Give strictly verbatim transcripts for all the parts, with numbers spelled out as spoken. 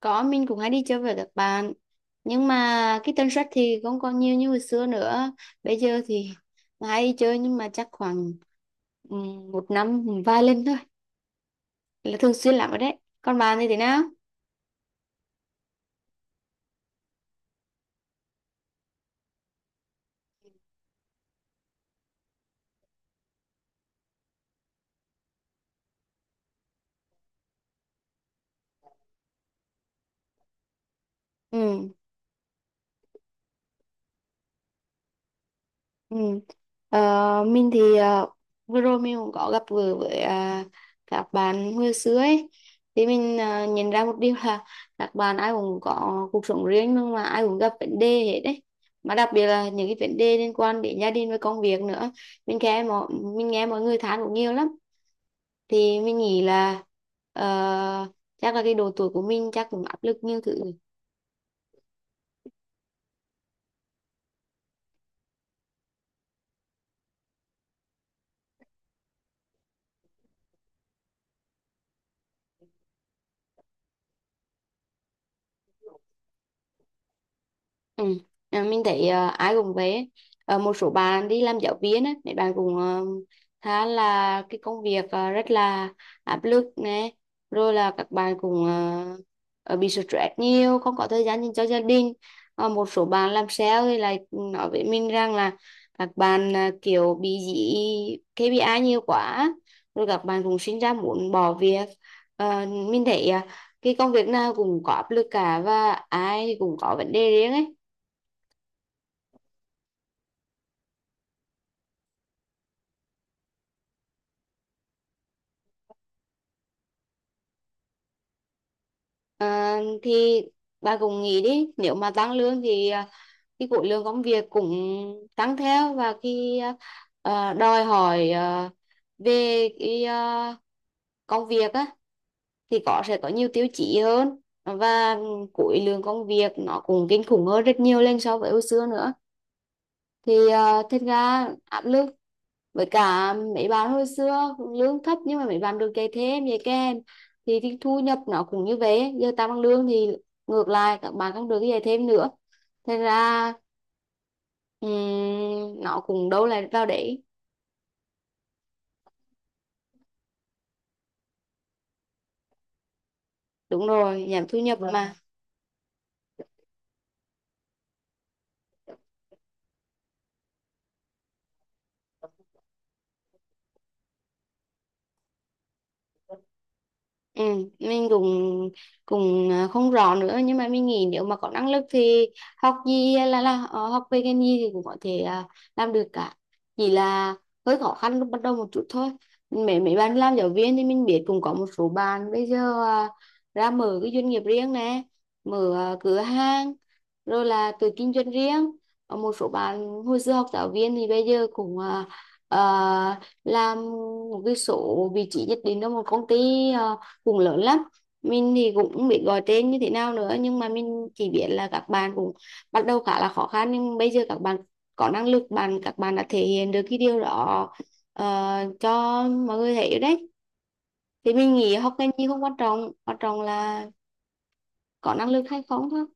Có, mình cũng hay đi chơi với các bạn. Nhưng mà cái tần suất thì không còn nhiều như hồi xưa nữa. Bây giờ thì hay đi chơi nhưng mà chắc khoảng ừ, một năm vài lần thôi. Là thường xuyên lắm rồi đấy. Còn bạn thì thế nào? Ừ. Ừ. Ờ, mình thì ờ, vừa rồi mình cũng có gặp vừa với à, các bạn hồi xưa ấy thì mình à, nhận ra một điều là các bạn ai cũng có cuộc sống riêng nhưng mà ai cũng gặp vấn đề hết đấy, mà đặc biệt là những cái vấn đề liên quan đến gia đình với công việc nữa. mình nghe mọi mình nghe mọi người than cũng nhiều lắm, thì mình nghĩ là ờ, chắc là cái độ tuổi của mình chắc cũng áp lực nhiều thứ. Ừ. à, Mình thấy ờ, ai cũng vậy ấy. Ờ, một số bạn đi làm giáo viên ấy, mấy bạn cũng ờ, khá là cái công việc ờ, rất là áp lực này, rồi là các bạn cũng ờ, ờ, bị stress nhiều, không có thời gian dành cho gia đình. Ờ, một số bạn làm sale thì lại nói với mình rằng là các bạn ờ, kiểu bị dị ca pê i nhiều quá, rồi các bạn cũng sinh ra muốn bỏ việc. Ờ, mình thấy ờ, cái công việc nào cũng có áp lực cả, và ai thì cũng có vấn đề riêng ấy. À, thì bà cũng nghĩ đi, nếu mà tăng lương thì à, cái khối lượng công việc cũng tăng theo, và khi à, à, đòi hỏi à, về cái à, công việc á thì có sẽ có nhiều tiêu chí hơn, và khối lượng công việc nó cũng kinh khủng hơn rất nhiều lên so với hồi xưa nữa. Thì ờ, thật ra áp lực, với cả mấy bạn hồi xưa cũng lương thấp nhưng mà mấy bạn được dạy thêm dạy kèm thì, thì thu nhập nó cũng như vậy, giờ tăng bằng lương thì ngược lại các bạn cũng được dạy thêm nữa, thế ra ừm, nó cũng đâu lại vào đấy. Đúng rồi, giảm thu nhập mà. Ừ, mình cũng cũng à, không rõ nữa, nhưng mà mình nghĩ nếu mà có năng lực thì học gì là là ờ, học về ngành gì thì cũng có thể à, làm được cả, chỉ là hơi khó khăn lúc bắt đầu một chút thôi. Mấy mấy bạn làm giáo viên thì mình biết cũng có một số bạn bây giờ à, ra mở cái doanh nghiệp riêng nè, mở à, cửa hàng, rồi là tự kinh doanh riêng. Ở một số bạn hồi xưa học giáo viên thì bây giờ cũng à, à, làm một cái số vị trí nhất định trong một công ty à, cũng lớn lắm. Mình thì cũng không biết gọi tên như thế nào nữa nhưng mà mình chỉ biết là các bạn cũng bắt đầu khá là khó khăn, nhưng bây giờ các bạn có năng lực, bạn các bạn đã thể hiện được cái điều đó ờ, cho mọi người thấy đấy. Thì mình nghĩ học ngành gì không quan trọng, quan trọng là có năng lực hay không thôi.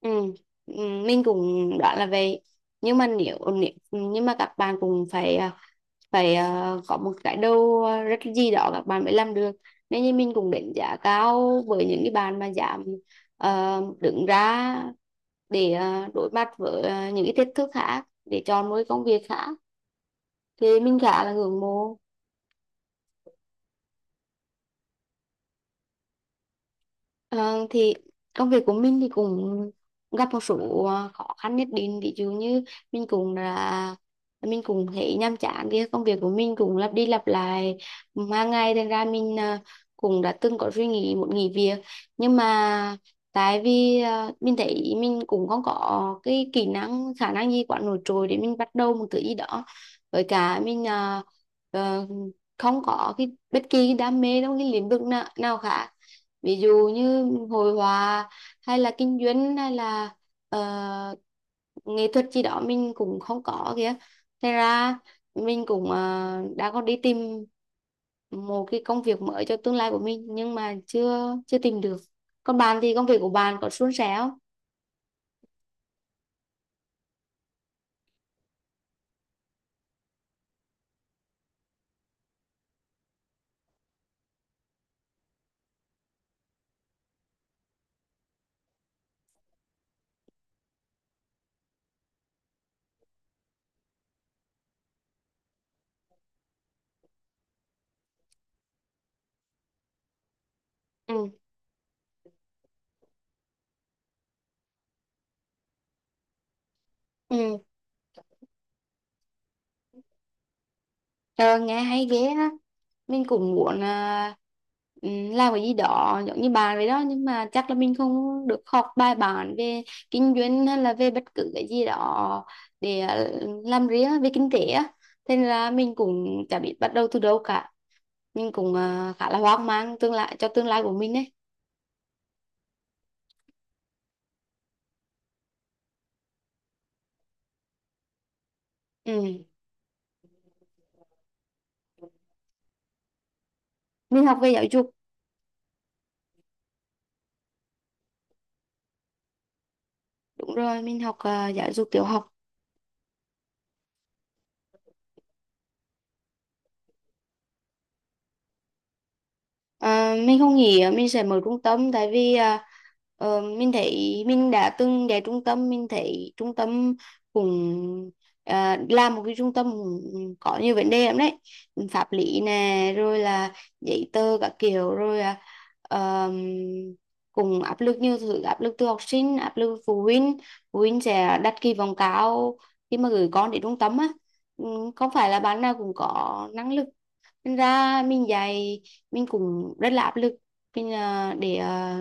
Ừ. Ừ, mình cũng đoán là vậy, nhưng mà nếu, nếu nhưng mà các bạn cũng phải à, phải ờ, có một cái đầu ờ, rất gì đó các bạn mới làm được, nên như mình cũng đánh giá cao với những cái bạn mà dám ờ, đứng ra để ờ, đối mặt với ờ, những cái thách thức khác để chọn một cái công việc khác, thì mình khá là ngưỡng mộ. Ờ, thì công việc của mình thì cũng gặp một số ờ, khó khăn nhất định, ví dụ như mình cũng là mình cũng thấy nhàm chán, thì công việc của mình cũng lặp đi lặp lại hàng ngày, thành ra mình ờ, cũng đã từng có suy nghĩ muốn nghỉ việc, nhưng mà tại vì ờ, mình thấy mình cũng không có cái kỹ năng khả năng gì quá nổi trội để mình bắt đầu một thứ gì đó, với cả mình ờ, ờ, không có cái bất kỳ cái đam mê trong cái lĩnh vực nào, nào khác, ví dụ như hội họa hay là kinh doanh hay là ờ, nghệ thuật gì đó mình cũng không có kìa. Thế ra mình cũng ờ, đã có đi tìm một cái công việc mới cho tương lai của mình, nhưng mà chưa chưa tìm được. Còn bạn thì công việc của bạn có suôn sẻ không? Ừ. Ừ. Ờ, Nghe hay ghê á, mình cũng muốn là ừ, làm cái gì đó giống như bạn vậy đó, nhưng mà chắc là mình không được học bài bản về kinh doanh hay là về bất cứ cái gì đó để ờ, làm riêng về kinh tế á, thế nên là mình cũng chả biết bắt đầu từ đâu cả. Mình cũng ờ, khá là hoang mang tương lai, cho tương lai của mình đấy. Ừ. Mình học về giáo dục. Đúng rồi, mình học ờ, giáo dục tiểu học. À, mình không nghĩ à, mình sẽ mở trung tâm, tại vì à, ờ, mình thấy mình đã từng đến trung tâm, mình thấy trung tâm cũng à, làm một cái trung tâm cũng có nhiều vấn đề lắm đấy. Pháp lý nè, rồi là giấy tờ các kiểu, rồi à, ờm, cũng áp lực nhiều thứ, áp lực từ học sinh, áp lực phụ huynh. Phụ huynh sẽ đặt kỳ vọng cao khi mà gửi con đến trung tâm á. Ừ, không phải là bạn nào cũng có năng lực nên ra mình dạy mình cũng rất là áp lực, mình à, để à,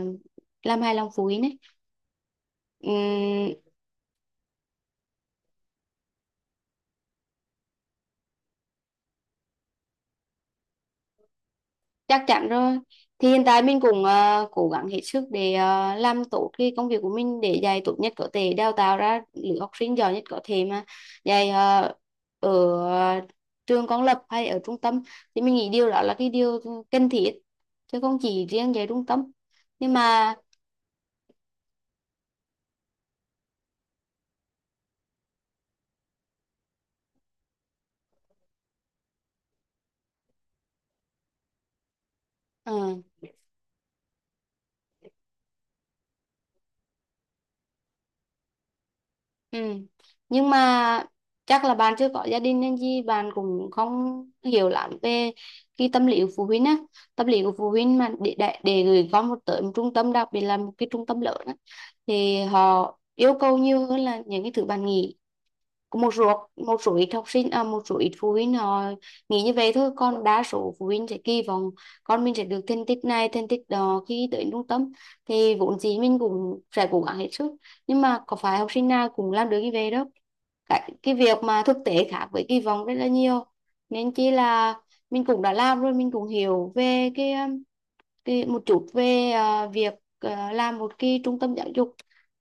làm hài lòng phụ huynh ấy. Ừm, chắc chắn rồi. Thì hiện tại mình cũng à, cố gắng hết sức để à, làm tốt cái công việc của mình, để dạy tốt nhất có thể, đào tạo ra lứa học sinh giỏi nhất có thể, mà dạy à, ở à, trường công lập hay ở trung tâm thì mình nghĩ điều đó là cái điều cần thiết, chứ không chỉ riêng dạy trung tâm. Nhưng mà. Ừ. Ừ. Nhưng mà chắc là bạn chưa có gia đình nên gì bạn cũng không hiểu lắm về cái tâm lý của phụ huynh á. Tâm lý của phụ huynh mà để để, để gửi con một tới một trung tâm, đặc biệt là một cái trung tâm lớn á, thì họ yêu cầu nhiều hơn là những cái thứ bạn nghĩ. Có Một số một số ít học sinh à một số ít phụ huynh họ nghĩ như vậy thôi, còn đa số phụ huynh sẽ kỳ vọng con mình sẽ được thành tích này, thành tích đó khi tới trung tâm, thì vốn dĩ mình cũng sẽ cố gắng hết sức. Nhưng mà có phải học sinh nào cũng làm được như vậy đâu, cái, cái việc mà thực tế khác với kỳ vọng rất là nhiều, nên chỉ là mình cũng đã làm rồi mình cũng hiểu về cái um, cái một chút về à, việc à, làm một cái trung tâm giáo dục,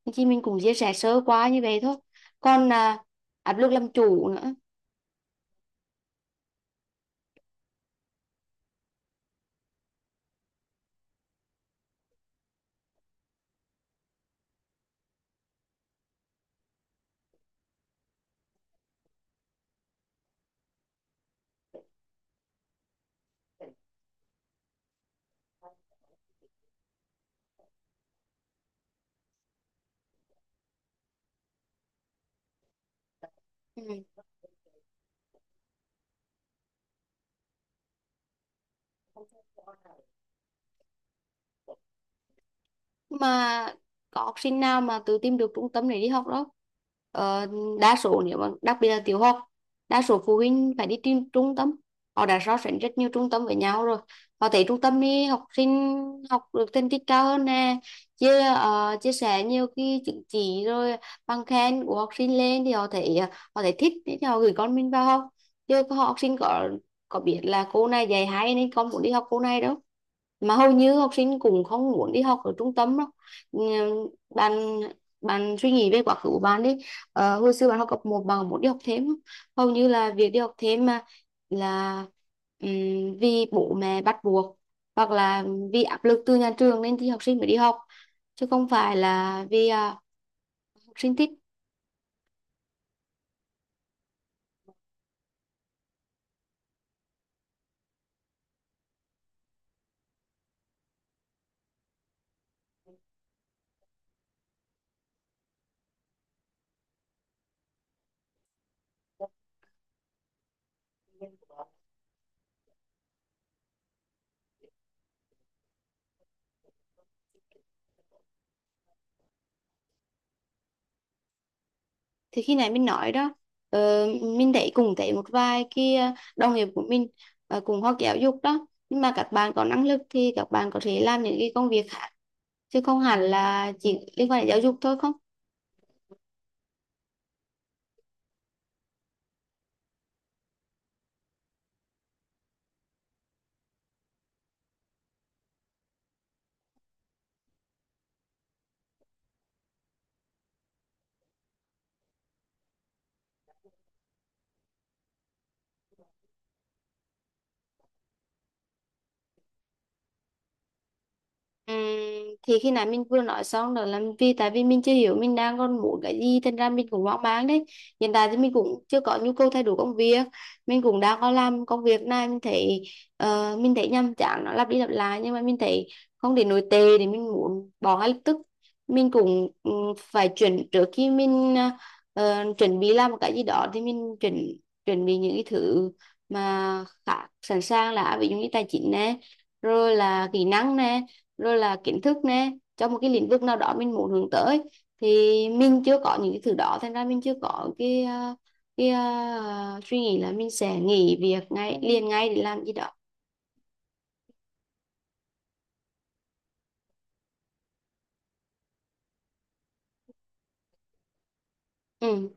nên chỉ mình cũng chia sẻ sơ qua như vậy thôi. Còn à, áp lực làm chủ nữa. Ừ. Mà có học sinh nào mà tự tìm được trung tâm để đi học đâu, ờ, đa số nếu mà đặc biệt là tiểu học, đa số phụ huynh phải đi tìm trung tâm, họ đã so sánh rất nhiều trung tâm với nhau rồi, họ thấy trung tâm đi học sinh học được thành tích cao hơn nè, chia ờ, chia sẻ nhiều cái chứng chỉ rồi bằng khen của học sinh lên thì họ thấy họ thấy thích thì họ gửi con mình vào học. Chứ có học sinh có có biết là cô này dạy hay nên con muốn đi học cô này đâu, mà hầu như học sinh cũng không muốn đi học ở trung tâm đâu. Ừm, bạn bạn suy nghĩ về quá khứ của bạn đi. Ờ, hồi xưa bạn học cấp một bạn muốn đi học thêm không? Hầu như là việc đi học thêm mà là ừm, vì bố mẹ bắt buộc, hoặc là vì áp lực từ nhà trường nên thì học sinh mới đi học, chứ không phải là vì à, học sinh thích. Thì khi này mình nói đó, ờ, mình thấy cùng thấy một vài cái ờ, đồng nghiệp của mình ờ, cùng học giáo dục đó, nhưng mà các bạn có năng lực thì các bạn có thể làm những cái công việc khác, chứ không hẳn là chỉ liên quan đến giáo dục thôi không. Ừm, thì khi nãy mình vừa nói xong đó là vì tại vì mình chưa hiểu mình đang còn muốn cái gì, thành ra mình cũng hoang mang đấy. Hiện tại thì mình cũng chưa có nhu cầu thay đổi công việc, mình cũng đang có làm công việc này mình thấy ờ, mình thấy nhàm chán, nó lặp đi lặp lại, nhưng mà mình thấy không để nổi tệ để mình muốn bỏ ngay lập tức. Mình cũng ừm, phải chuẩn trước khi mình ờ, chuẩn bị làm một cái gì đó, thì mình chuẩn chuẩn bị những cái thứ mà khá sẵn sàng, là ví dụ như tài chính nè, rồi là kỹ năng nè, rồi là kiến thức nè, trong một cái lĩnh vực nào đó mình muốn hướng tới. Thì mình chưa có những cái thứ đó, thành ra mình chưa có cái ờ, cái ờ, suy nghĩ là mình sẽ nghỉ việc ngay liền ngay để làm gì đó. Ừ.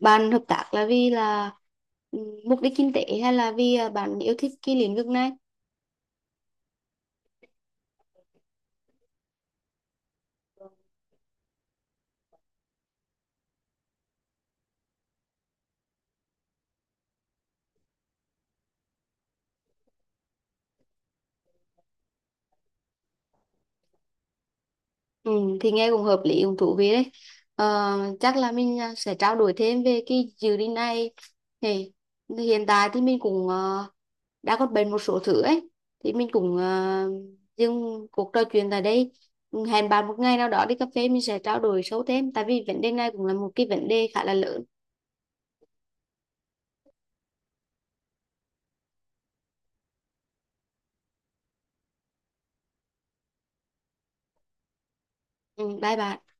Bạn hợp tác là vì là ừ, mục đích kinh tế, hay là vì ờ, bạn yêu thích cái lĩnh vực này? Ừ, thì nghe cũng hợp lý, cũng thú vị đấy. ờ, Chắc là mình à, sẽ trao đổi thêm về cái dự định này. Thì hiện tại thì mình cũng ờ, đã có bệnh một số thứ ấy, thì mình cũng uh, dừng cuộc trò chuyện tại đây, hẹn bạn một ngày nào đó đi cà phê mình sẽ trao đổi sâu thêm, tại vì vấn đề này cũng là một cái vấn đề khá là lớn. Ừ, bye bạn.